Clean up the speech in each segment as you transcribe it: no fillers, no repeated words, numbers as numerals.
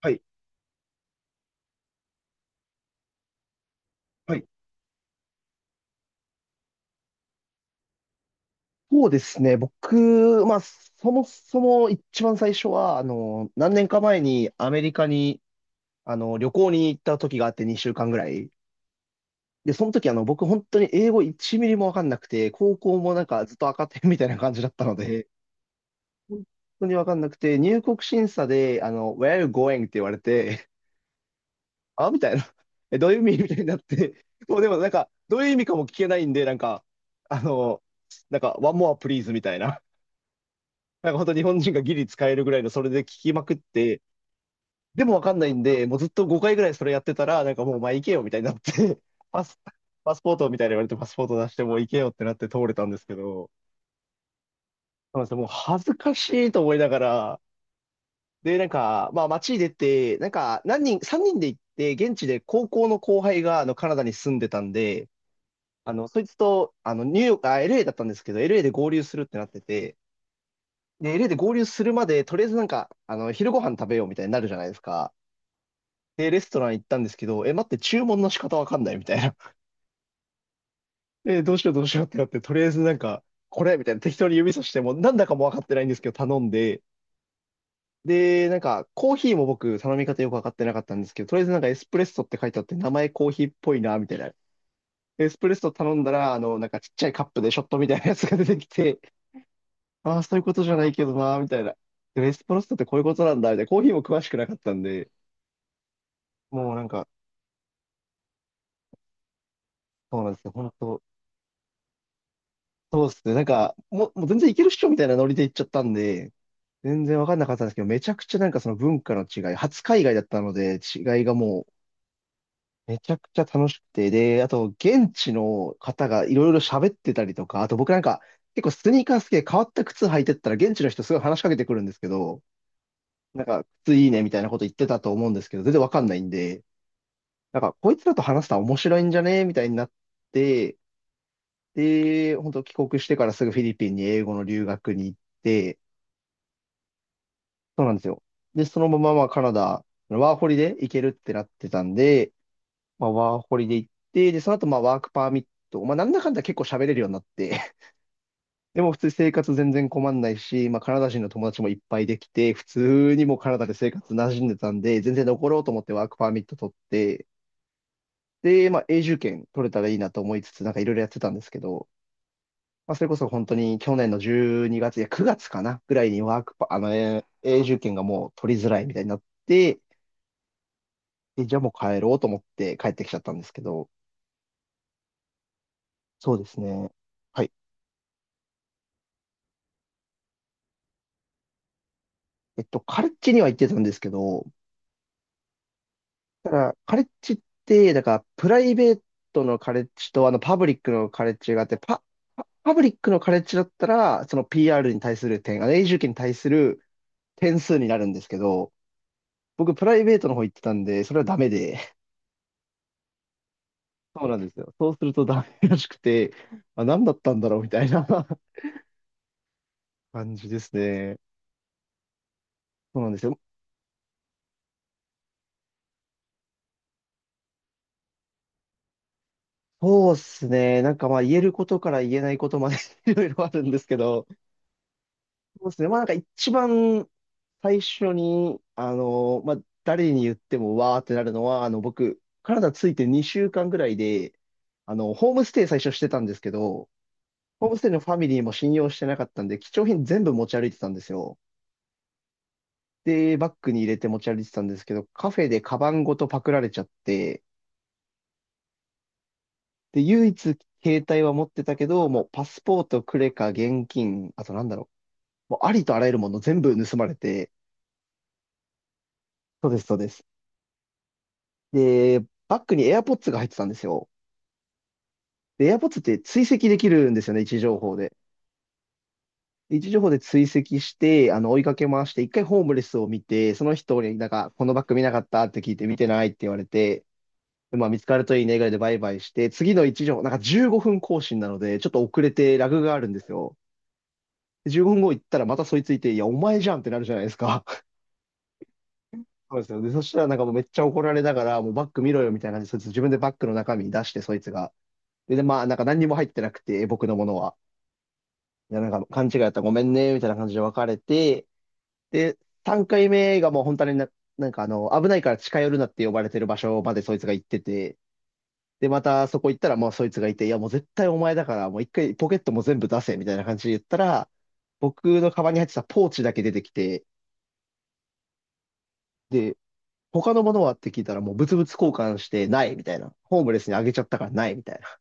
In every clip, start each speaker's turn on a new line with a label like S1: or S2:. S1: はい。はい。そうですね。僕、まあ、そもそも一番最初は、何年か前にアメリカに、旅行に行った時があって2週間ぐらい。で、その時、僕本当に英語1ミリもわかんなくて、高校もなんかずっと赤点みたいな感じだったので、本当にわかんなくて、入国審査で、Where are you going? って言われて、あみたいな。え、どういう意味みたいになって、もうでもなんか、どういう意味かも聞けないんで、なんか、あの、One more please みたいな。なんか本当日本人がギリ使えるぐらいのそれで聞きまくって、でもわかんないんで、もうずっと5回ぐらいそれやってたら、なんかもうお前行けよみたいになって、パス、パスポートみたいに言われてパスポート出してもう行けよってなって通れたんですけど、そうなんですよ。もう恥ずかしいと思いながら、で、なんか、まあ街に出て、なんか何人、3人で行って、現地で高校の後輩があのカナダに住んでたんで、そいつと、ニューヨーク、あ、LA だったんですけど、LA で合流するってなってて、で、LA で合流するまで、とりあえずなんか、昼ご飯食べようみたいになるじゃないですか。で、レストラン行ったんですけど、え、待って、注文の仕方わかんないみたいな。え、どうしようどうしようってなって、とりあえずなんか、これみたいな適当に指さしても、なんだかもわかってないんですけど、頼んで、で、なんか、コーヒーも僕、頼み方よくわかってなかったんですけど、とりあえずなんかエスプレッソって書いてあって、名前コーヒーっぽいな、みたいな。エスプレッソ頼んだら、なんかちっちゃいカップでショットみたいなやつが出てきて、ああ、そういうことじゃないけどな、みたいな。でエスプレッソってこういうことなんだ、みたいな。コーヒーも詳しくなかったんで、もうなんか、そうなんですよ。本当そうっすね。なんか、もう全然いけるっしょみたいなノリで行っちゃったんで、全然わかんなかったんですけど、めちゃくちゃなんかその文化の違い、初海外だったので、違いがもう、めちゃくちゃ楽しくて、で、あと、現地の方がいろいろ喋ってたりとか、あと僕なんか、結構スニーカー好きで変わった靴履いてったら、現地の人すごい話しかけてくるんですけど、なんか、靴いいねみたいなこと言ってたと思うんですけど、全然わかんないんで、なんか、こいつらと話したら面白いんじゃねみたいになって、で、本当帰国してからすぐフィリピンに英語の留学に行って、そうなんですよ。で、そのまままあカナダ、ワーホリで行けるってなってたんで、まあ、ワーホリで行って、で、その後まあワークパーミット、まあなんだかんだ結構喋れるようになって、でも普通に生活全然困んないし、まあカナダ人の友達もいっぱいできて、普通にもうカナダで生活馴染んでたんで、全然残ろうと思ってワークパーミット取って、で、まあ永住権取れたらいいなと思いつつ、なんかいろいろやってたんですけど、まあ、それこそ本当に去年の12月、いや9月かなぐらいにワークパ、永住権がもう取りづらいみたいになって、で、じゃあもう帰ろうと思って帰ってきちゃったんですけど、そうですね。はい。えっと、カレッジには行ってたんですけど、ただ、カレッジって、だから、プライベートのカレッジと、パブリックのカレッジがあって、パブリックのカレッジだったら、その PR に対する点、永住権に対する点数になるんですけど、僕、プライベートの方行ってたんで、それはダメで、そうなんですよ。そうするとダメらしくて、あ、何だったんだろうみたいな 感じですね。そうなんですよ。そうですね。なんかまあ言えることから言えないことまで いろいろあるんですけど、そうですね。まあなんか一番最初に、誰に言ってもわーってなるのは、あの僕、カナダ着いて2週間ぐらいで、ホームステイ最初してたんですけど、ホームステイのファミリーも信用してなかったんで、貴重品全部持ち歩いてたんですよ。で、バッグに入れて持ち歩いてたんですけど、カフェでカバンごとパクられちゃって、で、唯一携帯は持ってたけど、もうパスポート、クレカ、現金、あとなんだろう、もうありとあらゆるもの全部盗まれて、そうです、そうです。で、バッグに AirPods が入ってたんですよ。で、AirPods って追跡できるんですよね、位置情報で。位置情報で追跡して、追いかけ回して、一回ホームレスを見て、その人になんか、このバッグ見なかったって聞いて、見てないって言われて、でまあ、見つかるといいねぐらいでバイバイして、次の1条なんか15分更新なので、ちょっと遅れてラグがあるんですよ。で15分後行ったらまたそいついて、いや、お前じゃんってなるじゃないですか。そうですよ。で、そしたらなんかもうめっちゃ怒られながら、もうバッグ見ろよみたいな感じで、そいつ自分でバッグの中身出して、そいつが。で、でまあ、なんか何にも入ってなくて、僕のものは。いや、なんか勘違いだったらごめんね、みたいな感じで別れて、で、3回目がもう本当にな、危ないから近寄るなって呼ばれてる場所までそいつが行ってて、で、またそこ行ったら、もうそいつがいて、いや、もう絶対お前だから、もう一回ポケットも全部出せ、みたいな感じで言ったら、僕のカバンに入ってたポーチだけ出てきて、で、他のものはって聞いたら、もう物々交換して、ない、みたいな。ホームレスにあげちゃったから、ない、みたいな。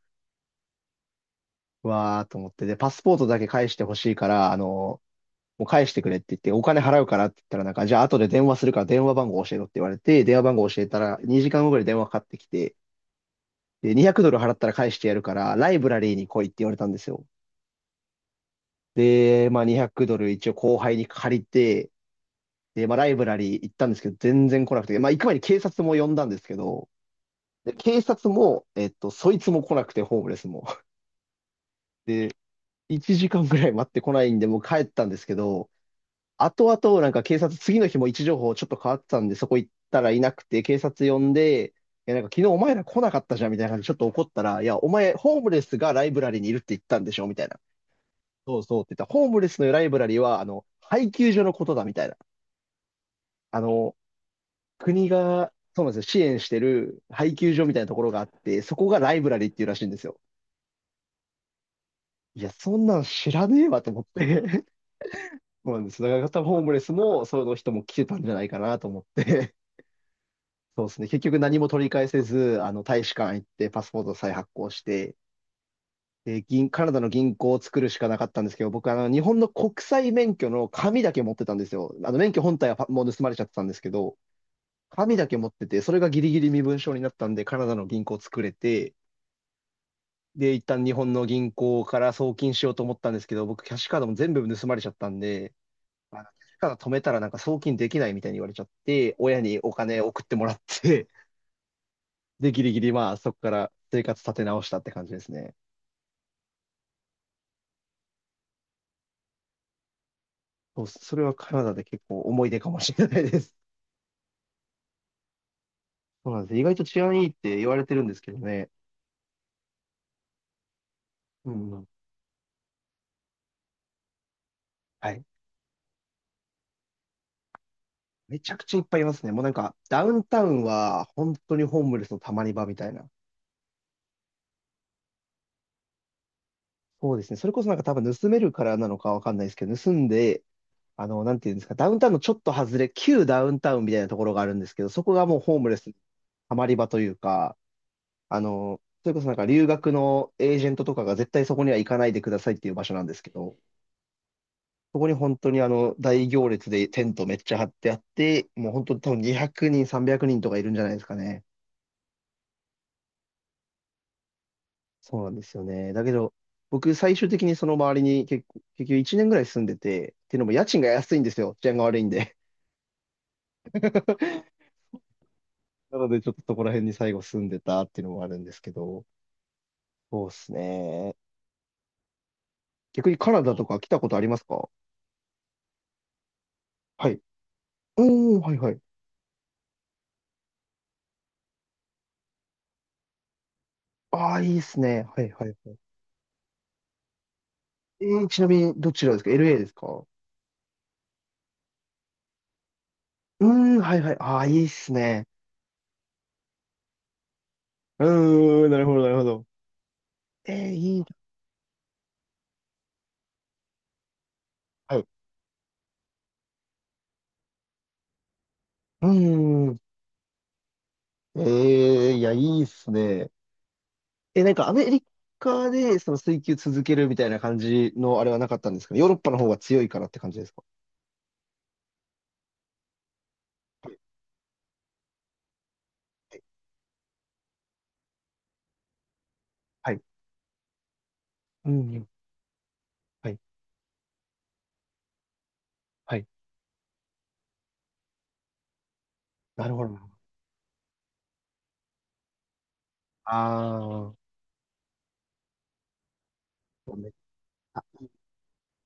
S1: うわーと思って、で、パスポートだけ返してほしいから、もう返してくれって言って、お金払うからって言ったら、なんか、じゃあ後で電話するから電話番号教えろって言われて、電話番号教えたら、2時間後ぐらい電話かかってきて、で、200ドル払ったら返してやるから、ライブラリーに来いって言われたんですよ。で、まあ200ドル一応後輩に借りて、で、まあライブラリー行ったんですけど、全然来なくて、まあ行く前に警察も呼んだんですけど、で、警察も、そいつも来なくて、ホームレスも。で、1時間ぐらい待ってこないんで、もう帰ったんですけど、後々なんか警察、次の日も位置情報ちょっと変わってたんで、そこ行ったらいなくて、警察呼んで、いや、なんか昨日お前ら来なかったじゃんみたいな感じでちょっと怒ったら、いや、お前、ホームレスがライブラリーにいるって言ったんでしょみたいな。そうそうって言ったら、ホームレスのライブラリーは、配給所のことだみたいな。あの、国が、そうなんですよ、支援してる配給所みたいなところがあって、そこがライブラリーっていうらしいんですよ。いや、そんなん知らねえわと思って。そうなんです。だから多分ホームレスも、その人も来てたんじゃないかなと思って。そうですね。結局何も取り返せず、大使館行って、パスポート再発行して、で、カナダの銀行を作るしかなかったんですけど、僕、日本の国際免許の紙だけ持ってたんですよ。免許本体はもう盗まれちゃってたんですけど、紙だけ持ってて、それがギリギリ身分証になったんで、カナダの銀行を作れて、で、一旦日本の銀行から送金しようと思ったんですけど、僕、キャッシュカードも全部盗まれちゃったんで、キャッシュカード止めたらなんか送金できないみたいに言われちゃって、親にお金送ってもらって、で、ギリギリまあ、そこから生活立て直したって感じですね。そう、それはカナダで結構思い出かもしれないです。そうなんです。意外と治安いいって言われてるんですけどね。うん。はい。めちゃくちゃいっぱいいますね。もうなんか、ダウンタウンは本当にホームレスのたまり場みたいな。そうですね。それこそなんか多分盗めるからなのかわかんないですけど、盗んで、なんていうんですか、ダウンタウンのちょっと外れ、旧ダウンタウンみたいなところがあるんですけど、そこがもうホームレスのハマり場というか、それこそなんか留学のエージェントとかが絶対そこには行かないでくださいっていう場所なんですけど、そこに本当に大行列でテントめっちゃ張ってあって、もう本当に多分200人、300人とかいるんじゃないですかね。そうなんですよね。だけど、僕最終的にその周りに結構、結局1年ぐらい住んでて、っていうのも家賃が安いんですよ。治安が悪いんで。なのでちょっとそこら辺に最後住んでたっていうのもあるんですけど、そうですね。逆にカナダとか来たことありますか？はい。おー、はいはい。ああ、いいですね。はいはいはい。ちなみに、どちらですか ?LA ですか？うーん、はいはい。ああ、いいっすね。うーん、なるほど、なるほど。いい。はい。うーん。いや、いいっすね。え、なんかアメリカで、その水球続けるみたいな感じのあれはなかったんですかね？ヨーロッパの方が強いからって感じですか？はい。はい。うん、はい。はい。なるほど。ああ。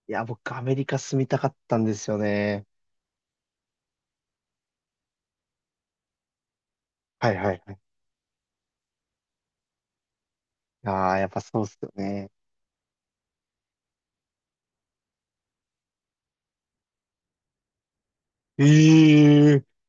S1: いや、僕、アメリカ住みたかったんですよね。はいはいはい。ああ、やっぱそうっすよね。ええ